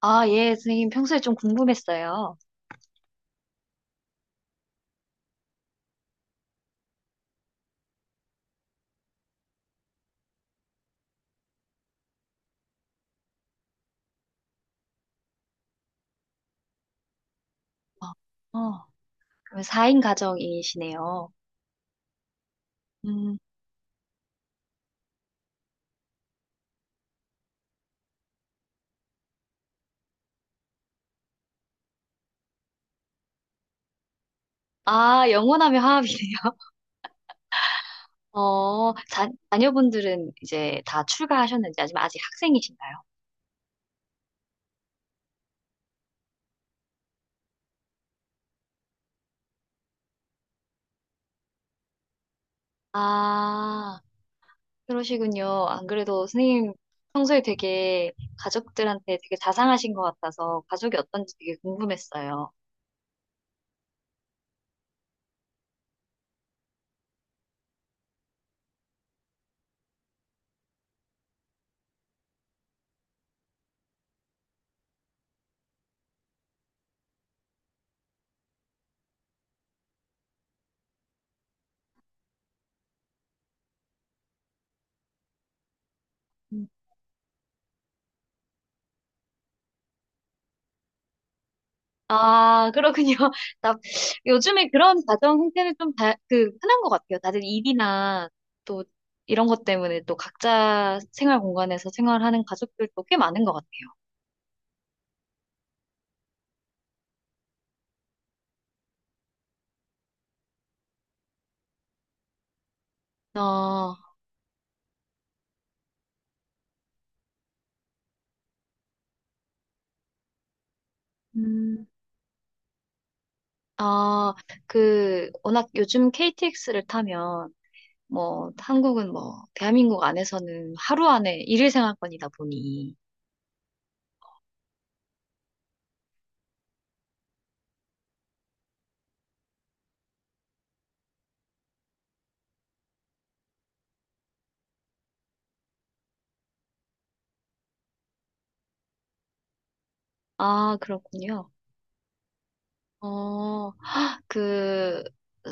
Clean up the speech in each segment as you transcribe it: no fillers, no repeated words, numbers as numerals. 아, 예, 선생님, 평소에 좀 궁금했어요. 어, 어, 그럼 4인 가정이시네요. 음. 아, 영원하며 화합이네요. 어, 자녀분들은 이제 다 출가하셨는지, 아니면 아직 학생이신가요? 아, 그러시군요. 안 그래도 선생님 평소에 되게 가족들한테 되게 자상하신 것 같아서 가족이 어떤지 되게 궁금했어요. 음. 아, 그렇군요. 나, 요즘에 그런 가정 형태는 좀 흔한 것 같아요. 다들 일이나 또 이런 것 때문에 또 각자 생활 공간에서 생활하는 가족들도 꽤 많은 것 같아요. 어, 음, 어, 워낙 요즘 KTX를 타면, 뭐, 한국은 뭐, 대한민국 안에서는 하루 안에 일일 생활권이다 보니. 아, 그렇군요. 어, 그 어,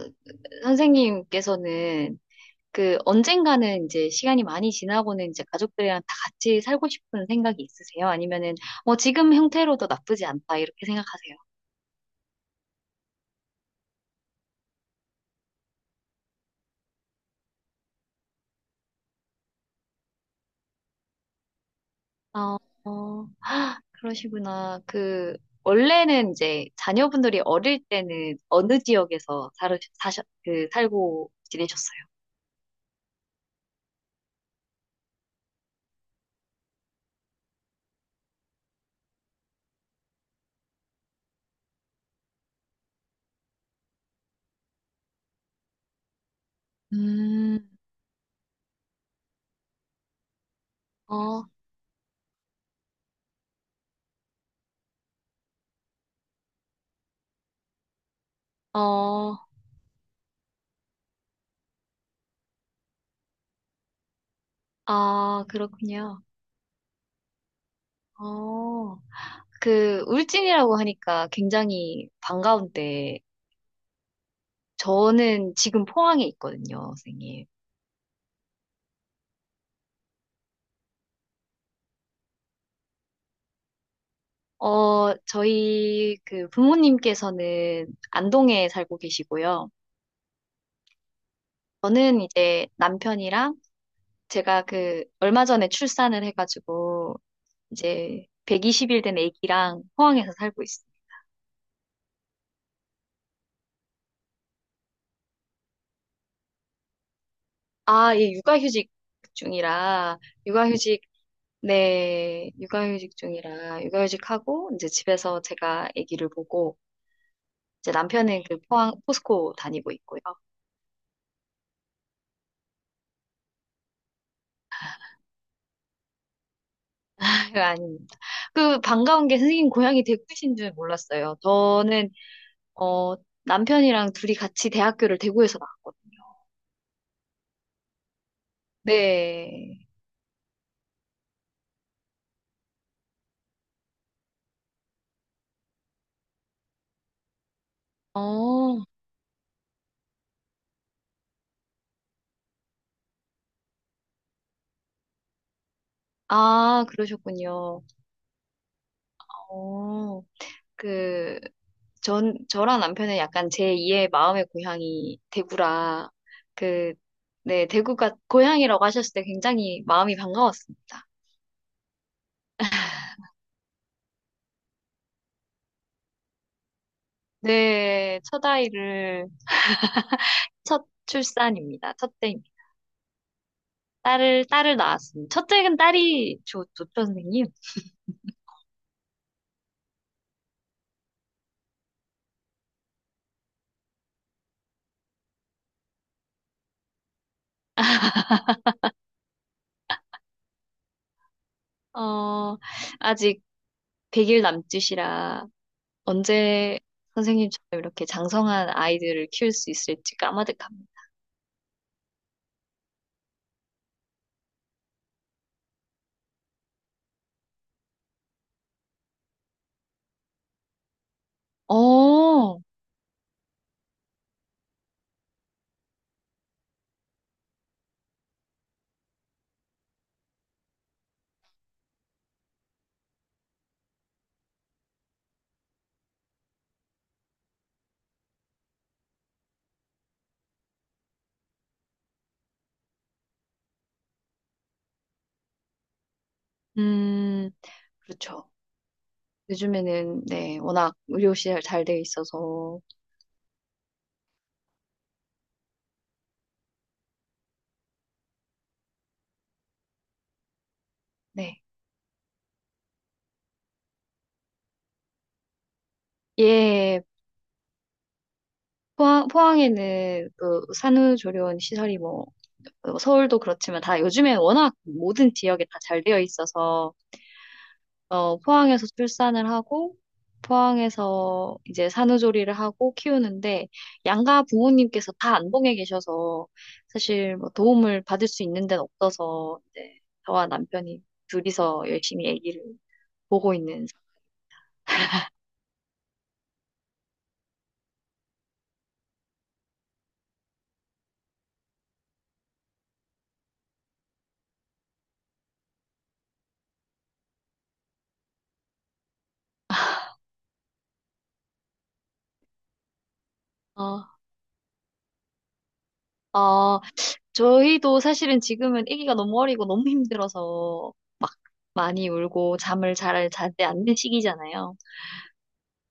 선생님께서는 그 언젠가는 이제 시간이 많이 지나고는 이제 가족들이랑 다 같이 살고 싶은 생각이 있으세요? 아니면은 뭐 지금 형태로도 나쁘지 않다 이렇게 생각하세요? 어, 어, 헉, 그러시구나. 그 원래는 이제 자녀분들이 어릴 때는 어느 지역에서 살으, 사셨, 그 살고 지내셨어요? 음, 어, 어, 아, 그렇군요. 어. 그 울진이라고 하니까 굉장히 반가운데 저는 지금 포항에 있거든요, 선생님. 어, 저희 그 부모님께서는 안동에 살고 계시고요. 저는 이제 남편이랑 제가 그 얼마 전에 출산을 해가지고 이제 120일 된 아기랑 포항에서 살고 있어요. 아, 예, 육아휴직 중이라 육아휴직 네, 육아휴직 중이라 육아휴직하고 이제 집에서 제가 아기를 보고 이제 남편은 그 포항 포스코 다니고 있고요. 그거 아닙니다. 그 반가운 게 선생님 고향이 대구이신 줄 몰랐어요. 저는 어 남편이랑 둘이 같이 대학교를 대구에서 나왔거든요. 네. 어, 아, 그러셨군요. 어, 그, 저랑 남편은 약간 제2의 마음의 고향이 대구라, 그, 네, 대구가 고향이라고 하셨을 때 굉장히 마음이 반가웠습니다. 네, 첫 아이를 첫 출산입니다. 첫째입니다. 딸을 낳았습니다. 첫째는 딸이 좋죠, 선생님. 어, 아직 100일 남짓이라 언제 선생님처럼 이렇게 장성한 아이들을 키울 수 있을지 까마득합니다. 어, 음, 그렇죠. 요즘에는, 네, 워낙 의료시설 잘 돼 있어서, 네. 예, 포항에는 그 산후조리원 시설이 뭐, 서울도 그렇지만 다 요즘에 워낙 모든 지역에 다 잘 되어 있어서 어, 포항에서 출산을 하고, 포항에서 이제 산후조리를 하고 키우는데, 양가 부모님께서 다 안봉에 계셔서, 사실 뭐 도움을 받을 수 있는 데는 없어서, 이제 저와 남편이 둘이서 열심히 아기를 보고 있는. 어, 어, 저희도 사실은 지금은 아기가 너무 어리고 너무 힘들어서, 막 많이 울고 잠을 잘 자지 않는 시기잖아요.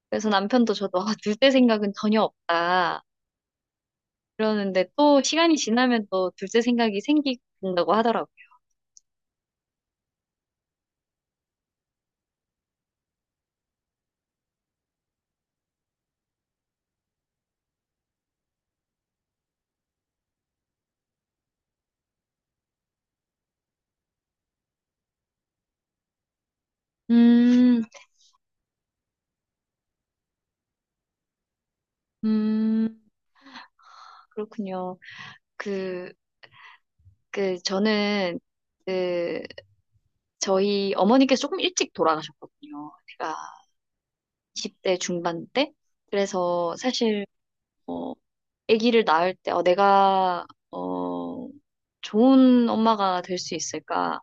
그래서 남편도 저도 둘 때 생각은 전혀 없다. 그러는데 또 시간이 지나면 또 둘째 생각이 생긴다고 하더라고요. 음, 음, 그렇군요. 그, 저는, 그, 저희 어머니께서 조금 일찍 돌아가셨거든요. 제가 20대 중반 때. 그래서 사실, 어, 아기를 낳을 때, 내가, 좋은 엄마가 될 수 있을까?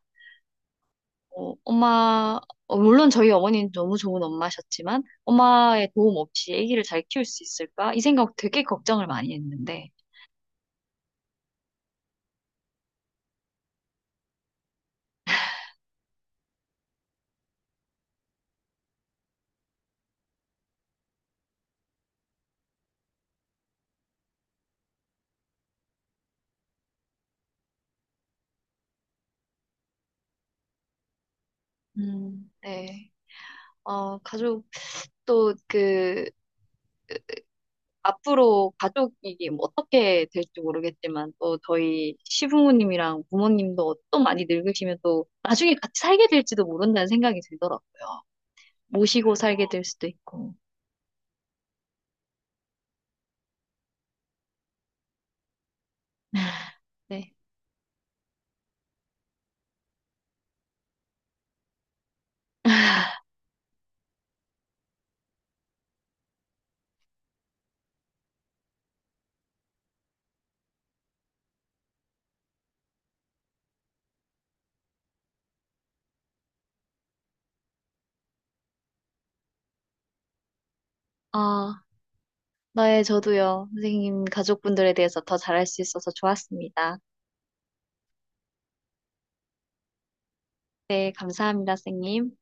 어, 엄마, 물론 저희 어머니는 너무 좋은 엄마셨지만, 엄마의 도움 없이 아기를 잘 키울 수 있을까? 이 생각 되게 걱정을 많이 했는데, 네. 어, 가족, 또 그, 앞으로 가족이 뭐 어떻게 될지 모르겠지만, 또 저희 시부모님이랑 부모님도 또 많이 늙으시면 또 나중에 같이 살게 될지도 모른다는 생각이 들더라고요. 모시고 살게 될 수도 있고, 네. 아, 네, 저도요. 선생님 가족분들에 대해서 더 잘할 수 있어서 좋았습니다. 네, 감사합니다, 선생님.